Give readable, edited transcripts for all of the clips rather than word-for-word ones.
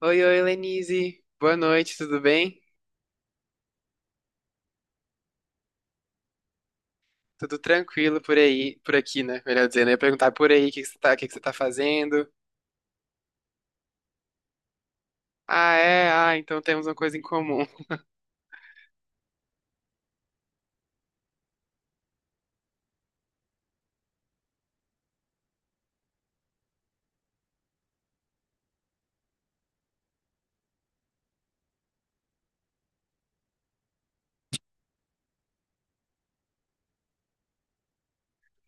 Oi, oi, Lenise. Boa noite, tudo bem? Tudo tranquilo por aí, por aqui, né? Melhor dizendo, eu ia perguntar por aí o que que você tá fazendo. Ah, é? Ah, então temos uma coisa em comum.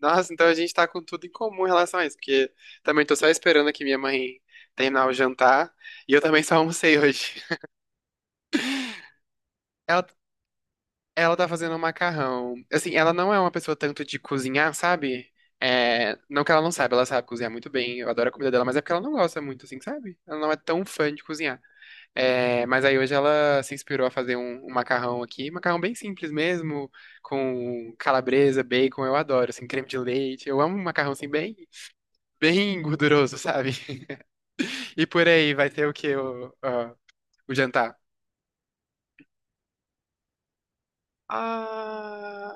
Nossa, então a gente tá com tudo em comum em relação a isso, porque também tô só esperando aqui minha mãe terminar o jantar e eu também só almocei hoje. Ela, ela tá fazendo um macarrão. Assim, ela não é uma pessoa tanto de cozinhar, sabe? É, não que ela não saiba, ela sabe cozinhar muito bem. Eu adoro a comida dela, mas é porque ela não gosta muito, assim, sabe? Ela não é tão fã de cozinhar. É, mas aí hoje ela se inspirou a fazer um macarrão aqui, macarrão bem simples mesmo, com calabresa, bacon, eu adoro, assim, creme de leite, eu amo um macarrão assim bem, bem gorduroso, sabe? E por aí vai ter o que o, ó, o jantar? Ah,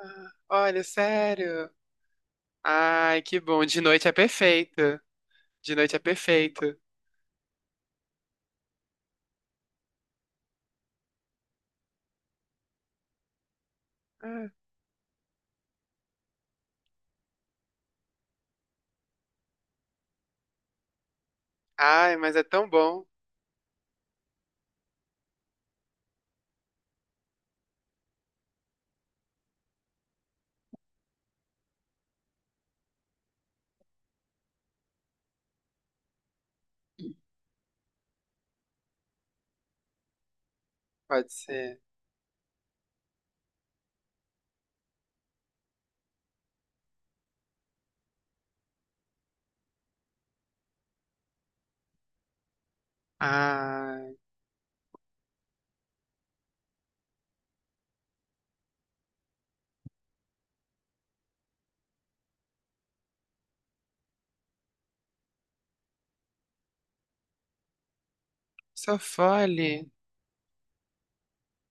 olha, sério? Ai, que bom, de noite é perfeito, de noite é perfeito. Ah, ai, mas é tão bom, pode ser. Ah, só fole.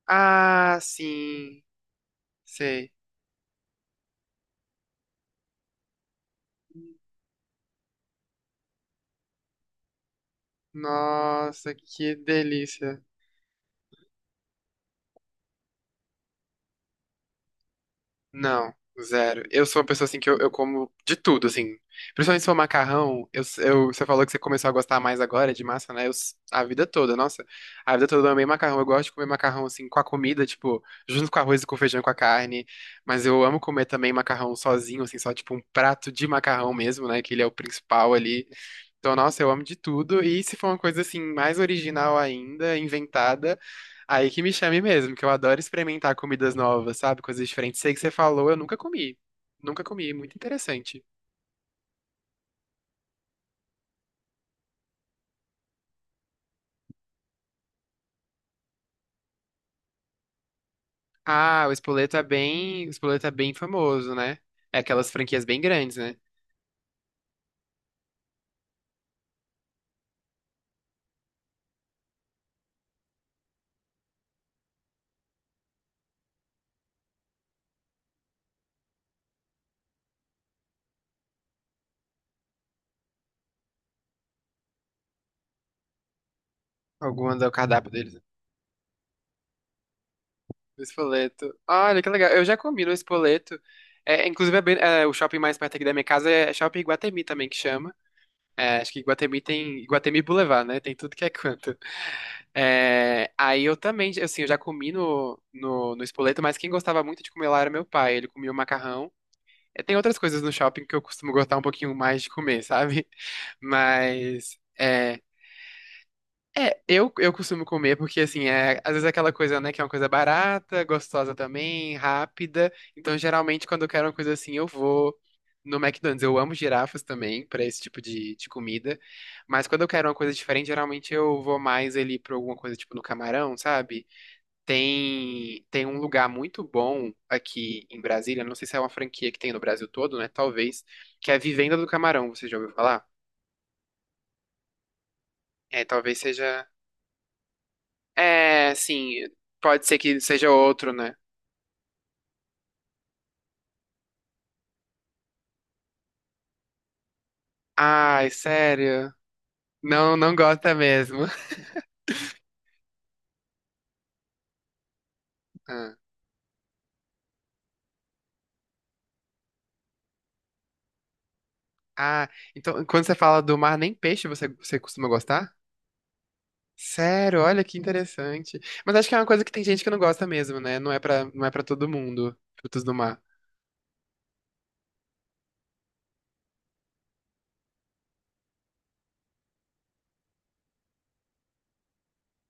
Ah, sim, sei. Nossa, que delícia. Não, zero. Eu sou uma pessoa assim que eu como de tudo, assim. Principalmente se for macarrão, você falou que você começou a gostar mais agora de massa, né? Eu, a vida toda, nossa. A vida toda eu amei macarrão. Eu gosto de comer macarrão assim com a comida, tipo, junto com arroz e com feijão, e com a carne. Mas eu amo comer também macarrão sozinho, assim, só tipo um prato de macarrão mesmo, né? Que ele é o principal ali. Então, nossa, eu amo de tudo. E se for uma coisa assim, mais original ainda, inventada, aí que me chame mesmo, que eu adoro experimentar comidas novas, sabe? Coisas diferentes. Sei que você falou, eu nunca comi. Nunca comi, muito interessante. Ah, o espoleto é bem, o espoleto é bem famoso, né? É aquelas franquias bem grandes, né? Algumas é o cardápio deles. Né? O espoleto. Olha que legal. Eu já comi no espoleto. É, inclusive, é bem- é, o shopping mais perto aqui da minha casa é Shopping Iguatemi também que chama. É, acho que Iguatemi tem Iguatemi Boulevard, né? Tem tudo que é canto. É, aí eu também, assim, eu já comi no Spoleto, mas quem gostava muito de comer lá era meu pai. Ele comia o macarrão. É, tem outras coisas no shopping que eu costumo gostar um pouquinho mais de comer, sabe? Mas. É, é, eu costumo comer porque, assim, é, às vezes é aquela coisa, né, que é uma coisa barata, gostosa também, rápida. Então, geralmente, quando eu quero uma coisa assim, eu vou no McDonald's. Eu amo girafas também, pra esse tipo de comida. Mas quando eu quero uma coisa diferente, geralmente eu vou mais ali pra alguma coisa, tipo, no Camarão, sabe? Tem um lugar muito bom aqui em Brasília, não sei se é uma franquia que tem no Brasil todo, né, talvez, que é a Vivenda do Camarão, você já ouviu falar? É, talvez seja. É, assim, pode ser que seja outro, né? Ai, sério? Não, não gosta mesmo. Ah, ah, então quando você fala do mar, nem peixe você costuma gostar? Sério, olha que interessante. Mas acho que é uma coisa que tem gente que não gosta mesmo, né? Não é pra todo mundo, frutos do mar.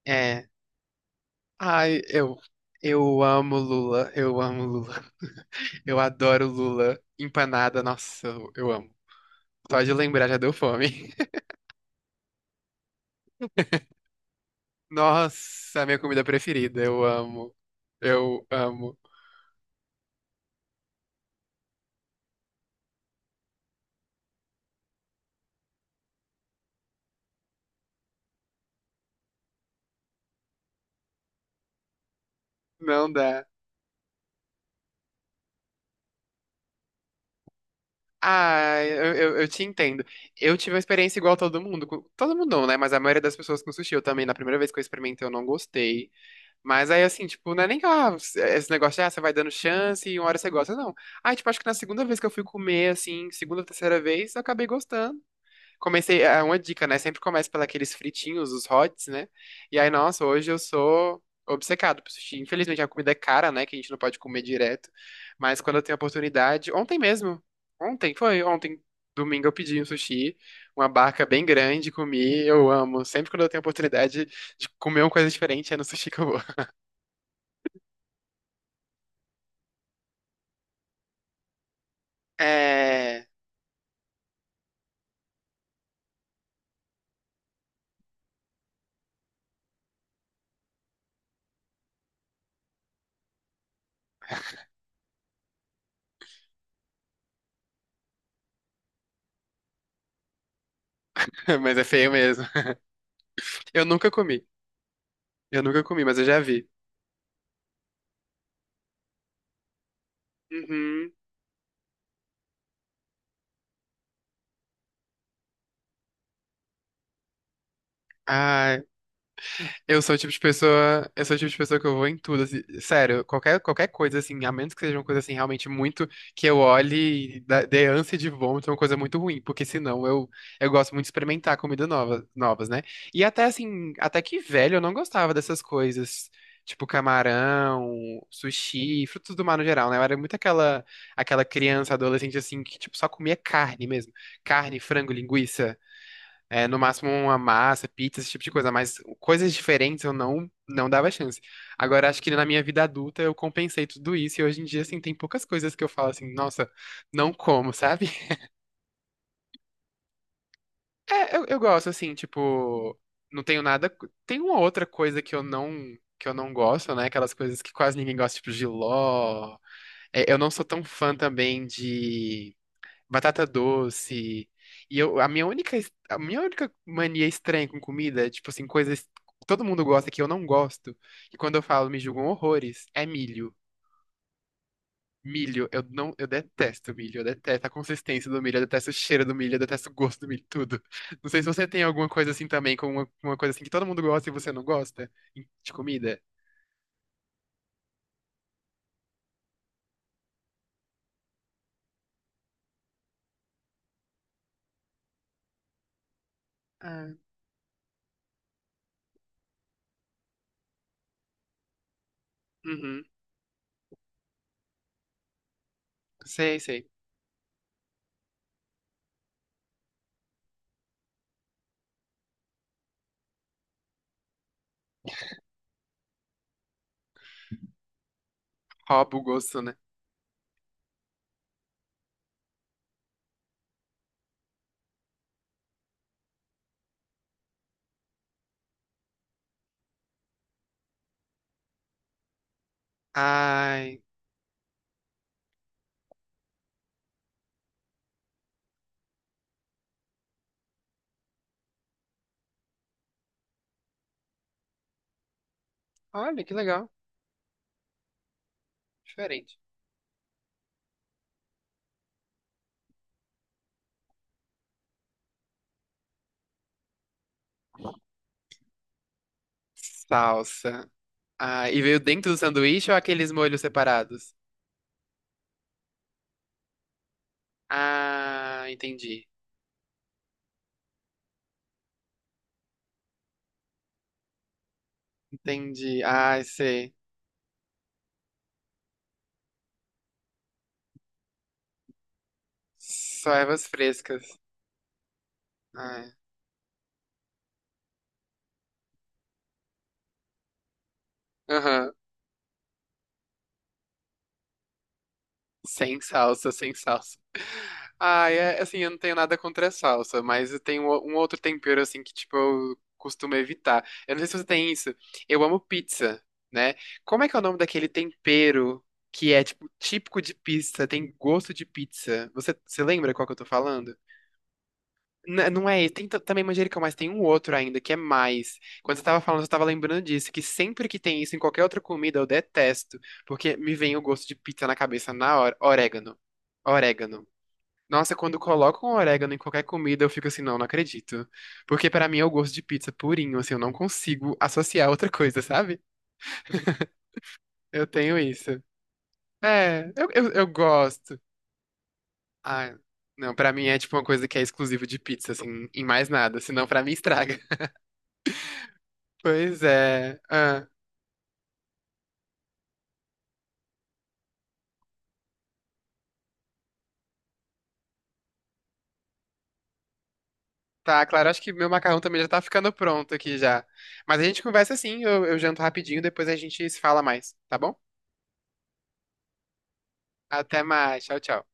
É. Ai, eu amo Lula, eu amo Lula. Eu adoro Lula. Empanada, nossa, eu amo. Só de lembrar já deu fome. Nossa, minha comida preferida. Eu amo. Eu amo. Não dá. Ah, eu te entendo. Eu tive uma experiência igual a todo mundo. Todo mundo não, né? Mas a maioria das pessoas com sushi, eu também, na primeira vez que eu experimentei, eu não gostei. Mas aí, assim, tipo, não é nem que ah, esse negócio de, ah, você vai dando chance e uma hora você gosta. Não. Ah, tipo, acho que na segunda vez que eu fui comer, assim, segunda ou terceira vez, eu acabei gostando. Comecei, é uma dica, né? Sempre começa pelos fritinhos, os hots, né? E aí, nossa, hoje eu sou obcecado por sushi. Infelizmente, a comida é cara, né? Que a gente não pode comer direto. Mas quando eu tenho oportunidade, ontem mesmo, ontem, domingo eu pedi um sushi, uma barca bem grande, comi, eu amo. Sempre quando eu tenho oportunidade de comer uma coisa diferente, é no sushi que eu vou. É, mas é feio mesmo. Eu nunca comi, eu nunca comi, mas eu já vi. Uhum. Ah, eu sou o tipo de pessoa, eu sou o tipo de pessoa que eu vou em tudo, assim, sério, qualquer coisa, assim, a menos que seja uma coisa, assim, realmente muito, que eu olhe e dê ânsia de vômito, é uma coisa muito ruim, porque senão eu gosto muito de experimentar comida nova, novas, né? E até, assim, até que velho eu não gostava dessas coisas, tipo camarão, sushi, frutos do mar no geral, né? Eu era muito aquela, aquela criança, adolescente, assim, que, tipo, só comia carne mesmo, carne, frango, linguiça. É, no máximo uma massa, pizza, esse tipo de coisa, mas coisas diferentes eu não dava chance. Agora, acho que na minha vida adulta eu compensei tudo isso e hoje em dia, assim, tem poucas coisas que eu falo assim, nossa, não como, sabe? É, eu gosto, assim, tipo, não tenho nada. Tem uma outra coisa que eu não gosto, né? Aquelas coisas que quase ninguém gosta, tipo jiló. É, eu não sou tão fã também de batata doce. E eu, a minha única mania estranha com comida, é, tipo assim, coisas que todo mundo gosta que eu não gosto, e quando eu falo me julgam horrores, é milho. Milho, eu não, eu detesto milho, eu detesto a consistência do milho, eu detesto o cheiro do milho, eu detesto o gosto do milho, tudo. Não sei se você tem alguma coisa assim também, com uma coisa assim que todo mundo gosta e você não gosta de comida. Ah, uhum. Sei, sei. Rouba o gosto, né? Ai, olha que legal. Diferente. Salsa. Ah, e veio dentro do sanduíche ou aqueles molhos separados? Ah, entendi. Entendi. Ah, sei. Só ervas frescas. Ah, aham. Sem salsa, sem salsa. Ah, é assim, eu não tenho nada contra a salsa, mas eu tenho um outro tempero assim que, tipo, eu costumo evitar. Eu não sei se você tem isso. Eu amo pizza, né? Como é que é o nome daquele tempero que é, tipo, típico de pizza, tem gosto de pizza? Você lembra qual que eu tô falando? Não é esse. Tem também manjericão, mas tem um outro ainda, que é mais. Quando você tava falando, eu tava lembrando disso, que sempre que tem isso em qualquer outra comida, eu detesto, porque me vem o gosto de pizza na cabeça na hora. Orégano. Orégano. Nossa, quando colocam orégano em qualquer comida, eu fico assim, não, não acredito. Porque pra mim é o gosto de pizza purinho, assim, eu não consigo associar outra coisa, sabe? Eu tenho isso. É, eu gosto. Ah, não, pra mim é tipo uma coisa que é exclusiva de pizza, assim, em mais nada, senão pra mim estraga. Pois é. Ah, tá, claro, acho que meu macarrão também já tá ficando pronto aqui já. Mas a gente conversa assim, eu janto rapidinho, depois a gente se fala mais, tá bom? Até mais, tchau, tchau.